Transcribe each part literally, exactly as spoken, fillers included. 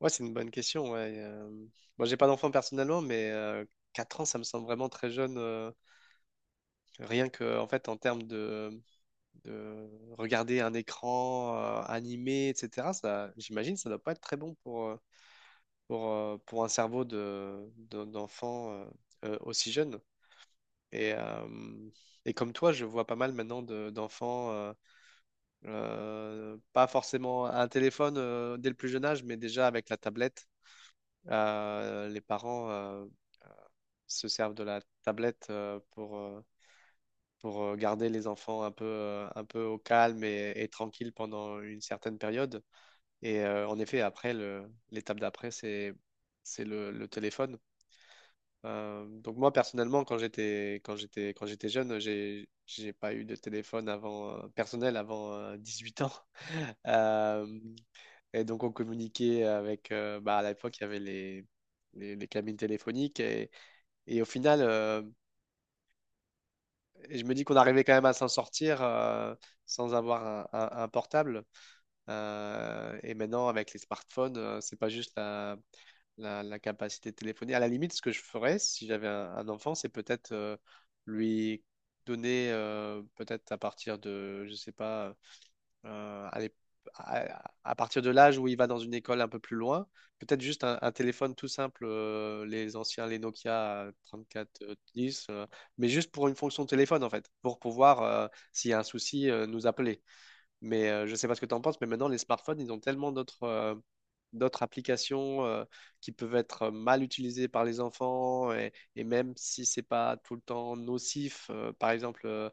Ouais, c'est une bonne question. Ouais. Euh, Moi, j'ai pas d'enfant personnellement, mais euh, quatre ans, ça me semble vraiment très jeune. euh, Rien que, en fait, en termes de, de regarder un écran euh, animé, et cætera, ça, j'imagine, ça doit pas être très bon pour, euh, pour, euh, pour un cerveau de, de- d'enfant euh, euh, aussi jeune. Et, euh, et comme toi, je vois pas mal maintenant de- d'enfants, euh, euh, pas forcément un téléphone euh, dès le plus jeune âge, mais déjà avec la tablette. Euh, les parents euh, se servent de la tablette euh, pour, euh, pour euh, garder les enfants un peu, euh, un peu au calme et, et tranquille pendant une certaine période. Et euh, en effet, après, le- l'étape d'après, c'est, c'est le, le téléphone. Euh, donc moi, personnellement, quand j'étais, quand j'étais, quand j'étais jeune, j'ai, j'ai pas eu de téléphone avant, euh, personnel avant euh, dix-huit ans. Euh, et donc, on communiquait avec, euh, bah, à l'époque, il y avait les, les, les cabines téléphoniques. Et, et au final, euh, Et je me dis qu'on arrivait quand même à s'en sortir euh, sans avoir un, un- un portable. Euh, et maintenant, avec les smartphones, euh, c'est pas juste la, la, la capacité de téléphoner. À la limite, ce que je ferais si j'avais un, un enfant, c'est peut-être euh, lui donner, euh, peut-être à partir de, je sais pas, euh, à, l'ép- à- à partir de l'âge où il va dans une école un peu plus loin, peut-être juste un, un téléphone tout simple, euh, les anciens, les Nokia trois mille quatre cent dix, euh, mais juste pour une fonction téléphone en fait, pour pouvoir, euh, s'il y a un souci, euh, nous appeler. Mais euh, je ne sais pas ce que tu en penses, mais maintenant, les smartphones, ils ont tellement d'autres euh, d'autres applications euh, qui peuvent être mal utilisées par les enfants, et, et même si c'est pas tout le temps nocif, euh, par exemple, euh,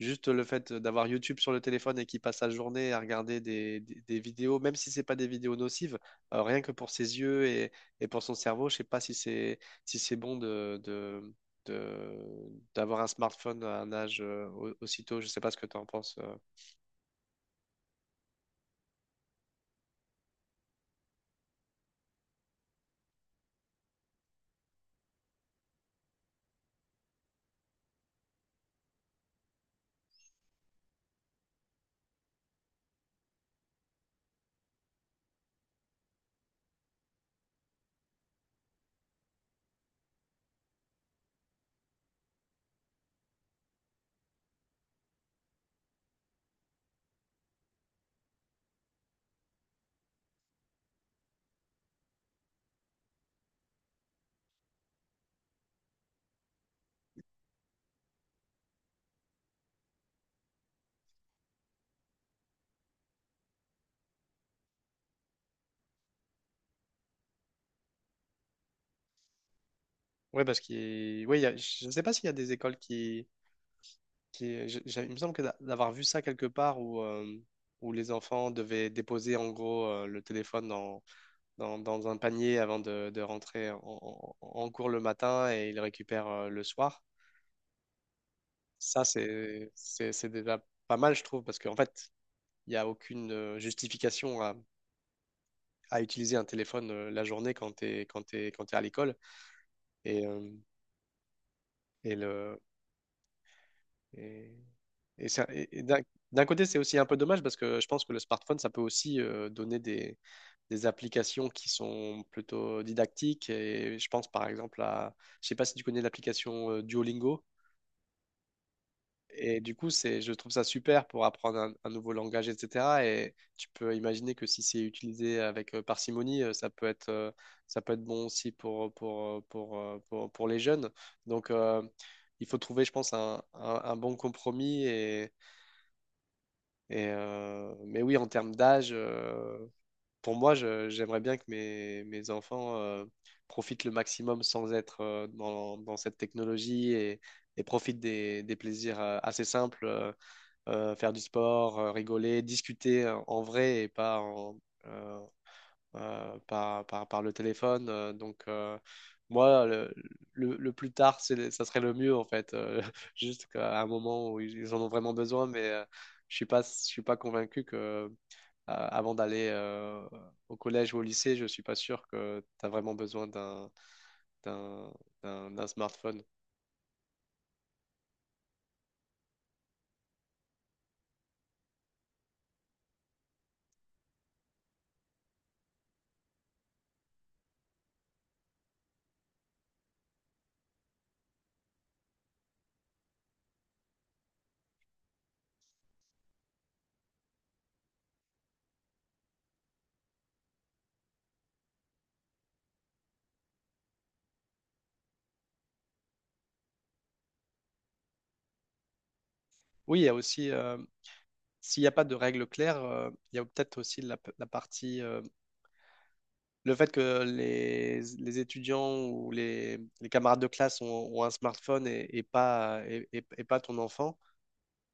juste le fait d'avoir YouTube sur le téléphone et qui passe sa journée à regarder des, des- des vidéos, même si c'est pas des vidéos nocives, euh, rien que pour ses yeux et, et pour son cerveau, je sais pas si c'est si c'est bon de, de, de- d'avoir un smartphone à un âge euh, au- aussitôt. Je sais pas ce que tu en penses. euh. Ouais parce qu'il ouais il y a- je ne sais pas s'il y a des écoles qui... qui... je- j'ai- Il me semble que d'a- d'avoir vu ça quelque part où, euh, où les enfants devaient déposer en gros euh, le téléphone dans, dans, dans un panier avant de, de rentrer en, en- en cours le matin et ils le récupèrent euh, le soir. Ça, c'est c'est c'est déjà pas mal, je trouve, parce qu'en fait, il n'y a aucune euh, justification à, à utiliser un téléphone euh, la journée quand tu es, quand t'es- quand t'es à l'école. Et, euh, et, le, et Et, ça- et- et d'un D'un côté, c'est aussi un peu dommage parce que je pense que le smartphone, ça peut aussi euh, donner des, des applications qui sont plutôt didactiques. Et je pense par exemple à, je sais pas si tu connais l'application euh, Duolingo. Et du coup, c'est, je trouve ça super pour apprendre un, un nouveau langage, et cætera. Et tu peux imaginer que si c'est utilisé avec euh, parcimonie, euh, ça peut être, euh, ça peut être bon aussi pour, pour, euh, pour, euh, pour, pour les jeunes. Donc, euh, il faut trouver, je pense, un, un un bon compromis et Et, euh, mais oui, en termes d'âge, euh, pour moi, je- j'aimerais bien que mes, mes enfants euh, profitent le maximum sans être euh, dans, dans cette technologie et, et profitent des, des plaisirs euh, assez simples, euh, euh, faire du sport, euh, rigoler, discuter euh, en vrai et pas en, euh, euh, par, par, par le téléphone. euh, donc, euh, moi, le, le, le plus tard, c'est, ça serait le mieux, en fait. Euh, juste qu'à un moment où ils ils en ont vraiment besoin, mais euh, je suis pas, je suis pas convaincu que, euh, avant d'aller euh, au collège ou au lycée, je suis pas sûr que tu as vraiment besoin d'un, d'un, d'un, d'un smartphone. Oui, il y a aussi, euh, s'il n'y a pas de règles claires, euh, il y a peut-être aussi la, la partie. Euh, le fait que les, les étudiants ou les, les camarades de classe ont, ont un smartphone et, et pas, et, et- et pas ton enfant,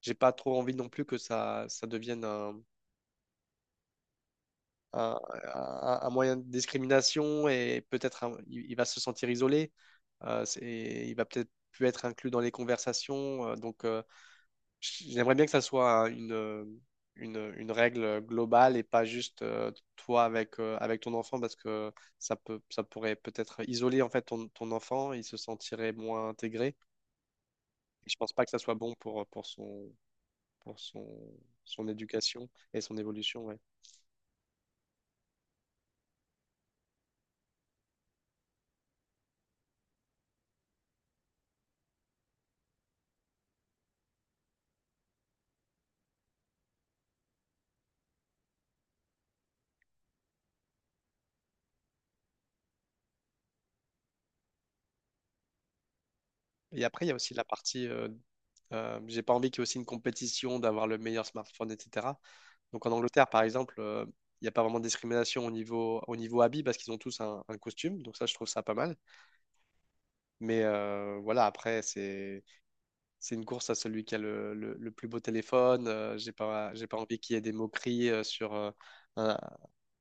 j'ai pas trop envie non plus que ça, ça devienne un, un- un- un moyen de discrimination et peut-être un- il, il va se sentir isolé, euh, c'est- et il va peut-être plus être inclus dans les conversations. euh, donc, euh, J'aimerais bien que ça soit une, une, une règle globale et pas juste euh, toi avec, euh, avec ton enfant parce que ça peut, ça pourrait peut-être isoler en fait ton, ton enfant, il se sentirait moins intégré. Et je pense pas que ça soit bon pour, pour son, pour son, son éducation et son évolution. Ouais. Et après, il y a aussi la partie euh, euh, j'ai pas envie qu'il y ait aussi une compétition d'avoir le meilleur smartphone, et cætera. Donc en Angleterre, par exemple, euh, il n'y a pas vraiment de discrimination au niveau, au niveau habit parce qu'ils ont tous un, un costume. Donc ça, je trouve ça pas mal. Mais euh, voilà, après, c'est c'est une course à celui qui a le, le, le plus beau téléphone. Euh, j'ai pas, j'ai pas envie qu'il y ait des moqueries euh, sur, euh, un,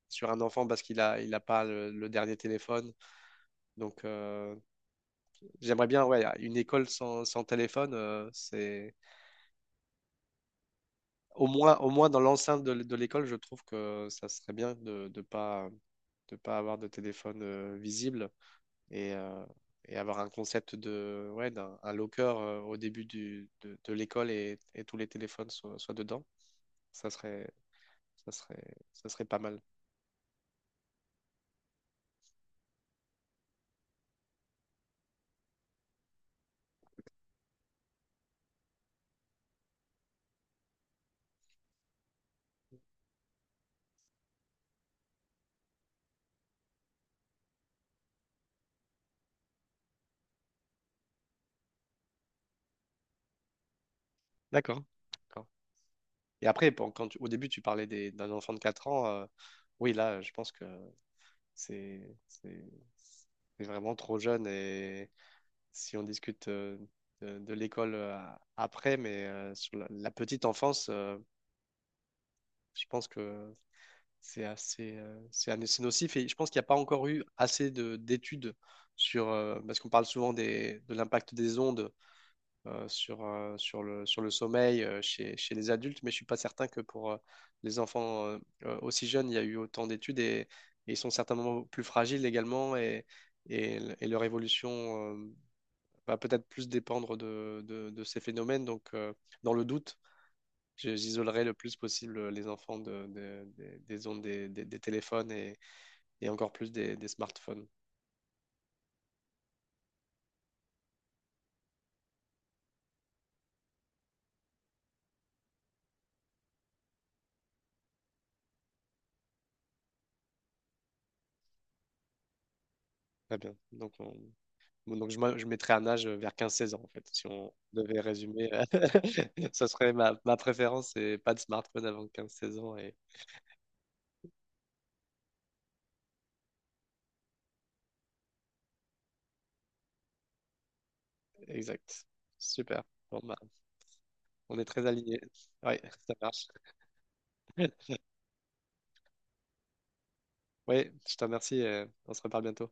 sur un enfant parce qu'il a, il a pas le, le dernier téléphone. Donc, euh, j'aimerais bien, ouais, une école sans, sans téléphone, euh, c'est au moins, au moins dans l'enceinte de, l- de l'école, je trouve que ça serait bien de ne pas, de pas avoir de téléphone euh, visible. et, euh, et avoir un concept de, ouais, d'un un locker euh, au début du, de, de l'école et, et tous les téléphones soient, soient dedans, ça serait, ça serait, ça serait pas mal. D'accord. D'accord. Et après, bon, quand tu- au début, tu parlais des- d'un enfant de quatre ans. Euh, oui, là, je pense que c'est c'est- c'est vraiment trop jeune. Et si on discute euh, de, de l'école euh, après, mais euh, sur la, la petite enfance, euh, je pense que c'est assez, euh, c'est un- c'est nocif et je pense qu'il n'y a pas encore eu assez de d'études sur, euh, parce qu'on parle souvent des, de l'impact des ondes euh, sur, euh, sur le, sur le sommeil euh, chez, chez les adultes, mais je ne suis pas certain que pour euh, les enfants euh, euh, aussi jeunes, il y a eu autant d'études et, et ils sont certainement plus fragiles également et, et, l- et leur évolution euh, va peut-être plus dépendre de, de, de ces phénomènes. Donc, euh, dans le doute, je- j'isolerai le plus possible les enfants de, de- des des ondes des, des des téléphones et encore plus des, des smartphones. Très bien. Donc, on- bon, donc je, moi, je mettrais un âge vers quinze seize ans, en fait. Si on devait résumer, ça serait ma, ma préférence, c'est pas de smartphone avant quinze seize ans. Et... Exact. Super. Bon, bah, on est très alignés. Oui, ça marche. Oui, je te remercie. euh, On se reparle bientôt.